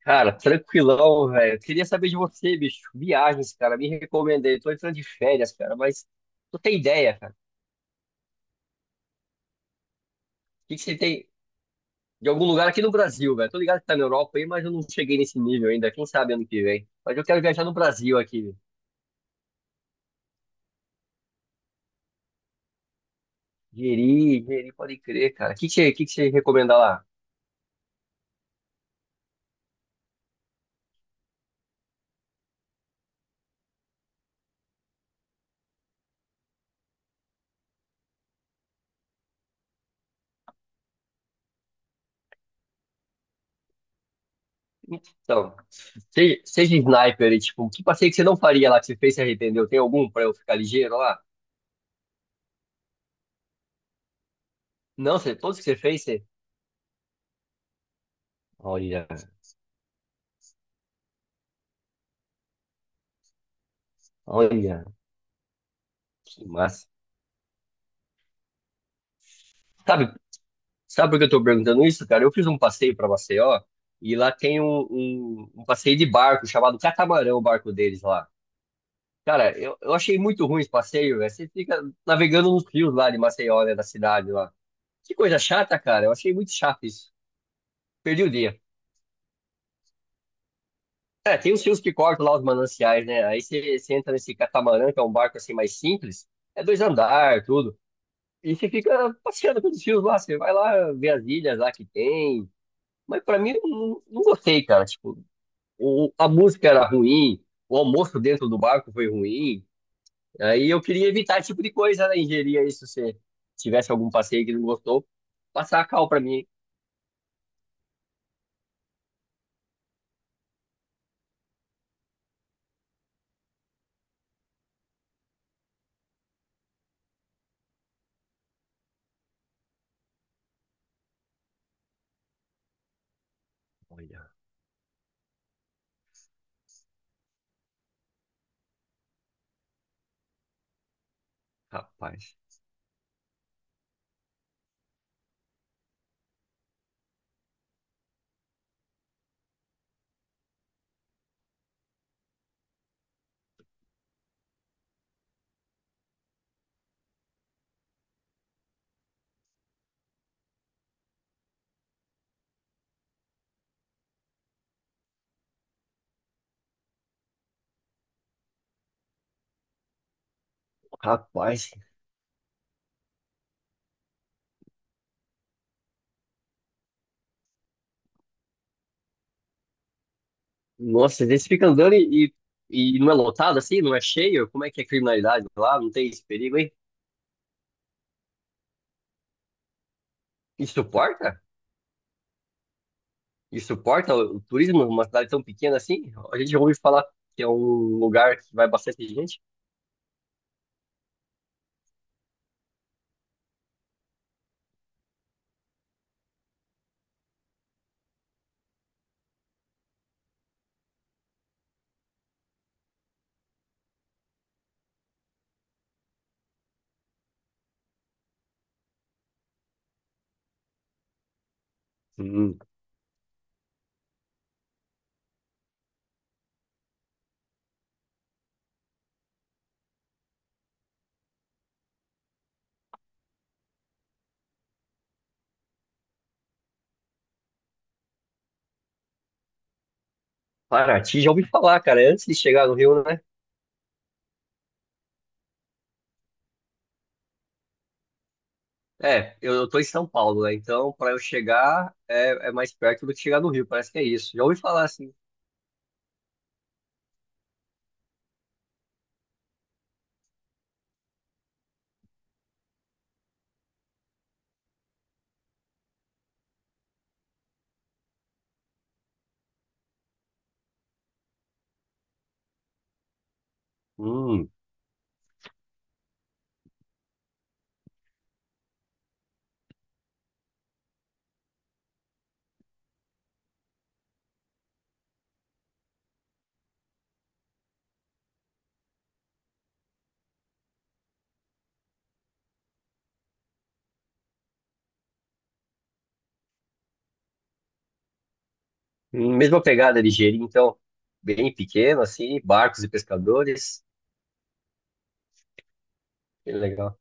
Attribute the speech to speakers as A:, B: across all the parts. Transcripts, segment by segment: A: Cara, tranquilão, velho. Queria saber de você, bicho. Viagens, cara, me recomendei. Tô entrando de férias, cara, mas não tem ideia, cara. O que que você tem de algum lugar aqui no Brasil, velho? Tô ligado que tá na Europa aí, mas eu não cheguei nesse nível ainda. Quem sabe ano que vem. Mas eu quero viajar no Brasil aqui. Jeri, Jeri, pode crer, cara. O que que você recomenda lá? Então, seja sniper, e, tipo, que passeio que você não faria lá que você fez e se arrependeu? Tem algum pra eu ficar ligeiro lá? Não, você, todos que você fez, você... Olha, olha, que massa. Sabe, Sabe por que eu tô perguntando isso, cara? Eu fiz um passeio pra Maceió e lá tem um passeio de barco chamado Catamarã, o barco deles lá. Cara, eu achei muito ruim esse passeio, velho. Você fica navegando nos rios lá de Maceió, né, da cidade lá. Que coisa chata, cara. Eu achei muito chato isso. Perdi o dia. É, tem os rios que cortam lá os mananciais, né? Aí você entra nesse catamarã, que é um barco assim mais simples. É dois andar, tudo. E você fica passeando pelos rios lá. Você vai lá ver as ilhas lá que tem. Mas pra mim, eu não gostei, cara. Tipo, a música era ruim, o almoço dentro do barco foi ruim. Aí eu queria evitar esse tipo de coisa, né? Ingeria isso se você tivesse algum passeio que não gostou, passar a cal pra mim. Olha, rapaz, rapaz. Nossa, eles ficam andando e não é lotado assim, não é cheio? Como é que é a criminalidade lá? Não tem esse perigo, hein? E suporta? E suporta o turismo numa cidade tão pequena assim? A gente já ouviu falar que é um lugar que vai bastante gente. Hum, Paraty, já ouvi falar, cara. É antes de chegar no Rio, né? É, eu tô em São Paulo, né? Então, para eu chegar, é mais perto do que chegar no Rio, parece que é isso. Já ouvi falar assim. Hum, mesma pegada de Jeri, então, bem pequeno, assim, barcos e pescadores. Que legal.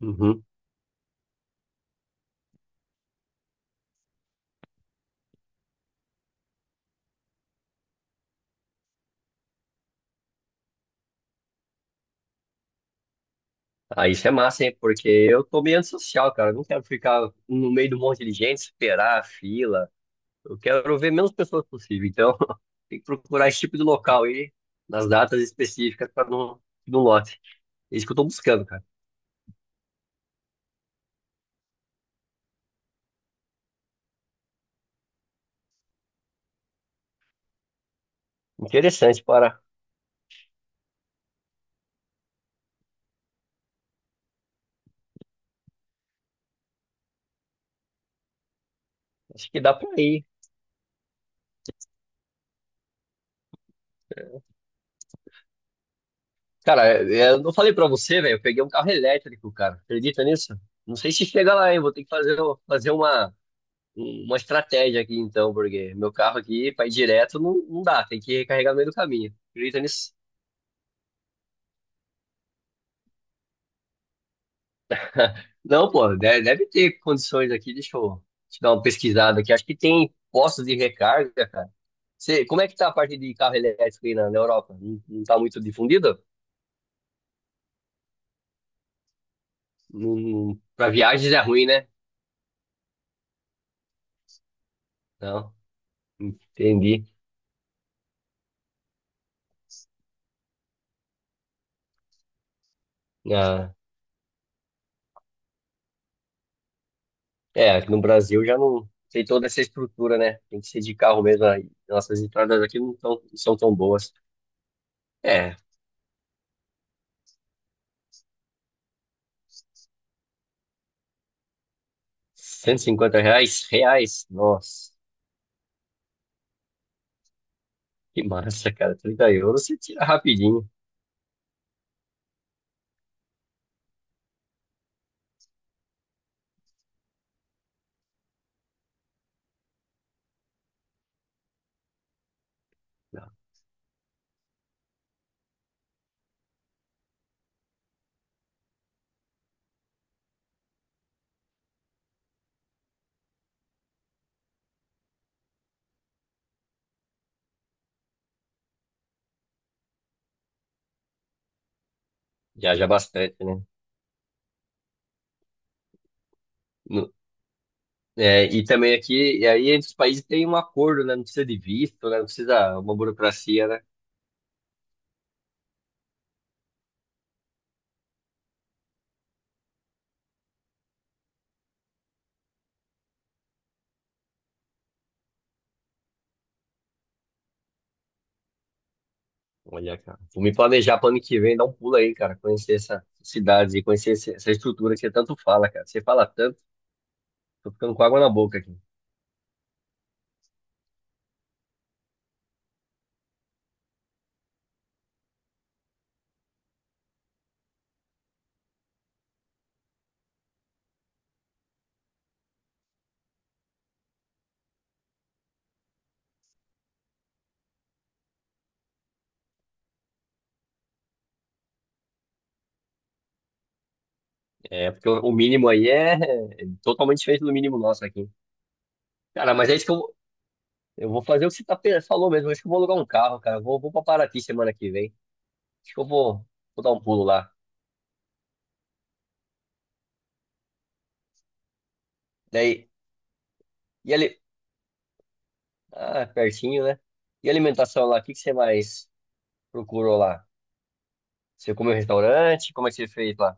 A: Uhum. Ah, isso é massa, hein? Porque eu tô meio antissocial, cara. Eu não quero ficar no meio de um monte de gente, esperar a fila. Eu quero ver menos pessoas possível. Então, tem que procurar esse tipo de local aí, nas datas específicas, para não lote. É isso que eu tô buscando, cara. Interessante, para. Acho que dá para ir. Cara, eu não falei pra você, velho. Eu peguei um carro elétrico, cara. Acredita nisso? Não sei se chega lá, hein? Vou ter que fazer uma estratégia aqui, então, porque meu carro aqui, pra ir direto, não dá. Tem que recarregar no meio do caminho. Acredita nisso? Não, pô, deve ter condições aqui. Deixa eu te dar uma pesquisada aqui. Acho que tem postos de recarga, cara. Você, como é que tá a parte de carro elétrico aí na Europa? Não, não tá muito difundido? Não, pra viagens é ruim, né? Não, entendi. Ah, é, aqui no Brasil já não tem toda essa estrutura, né? Tem que ser de carro mesmo. Aí nossas entradas aqui não são tão boas. É, 150 reais? Reais? Nossa, que massa, cara. 30 euros você tira rapidinho. Já já bastante, né? No- é, e também aqui, e aí entre os países tem um acordo, né? Não precisa de visto, né? Não precisa uma burocracia, né? Olha, cara. Vou me planejar para ano que vem, dar um pulo aí, cara. Conhecer essa cidade e conhecer essa estrutura que você tanto fala, cara. Você fala tanto, tô ficando com água na boca aqui. É, porque o mínimo aí é totalmente diferente do mínimo nosso aqui. Cara, mas é isso que eu vou fazer o que você falou mesmo. É que eu vou alugar um carro, cara. Eu vou pra Paraty semana que vem. Acho que eu vou dar um pulo lá. Daí, e ali, ah, pertinho, né? E alimentação lá, o que que você mais procurou lá? Você comeu em restaurante? Como é que você fez lá?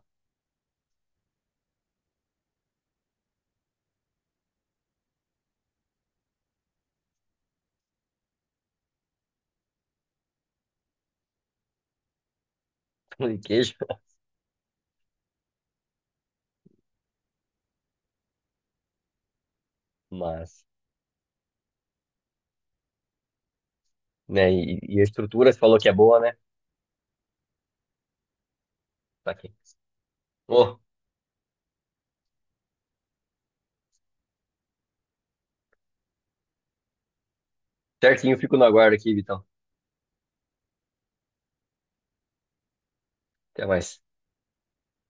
A: Pão de queijo? Mas, né? E a estrutura, você falou que é boa, né? Tá aqui. Ô, certinho, fico no aguardo aqui, Vitão. Até mais.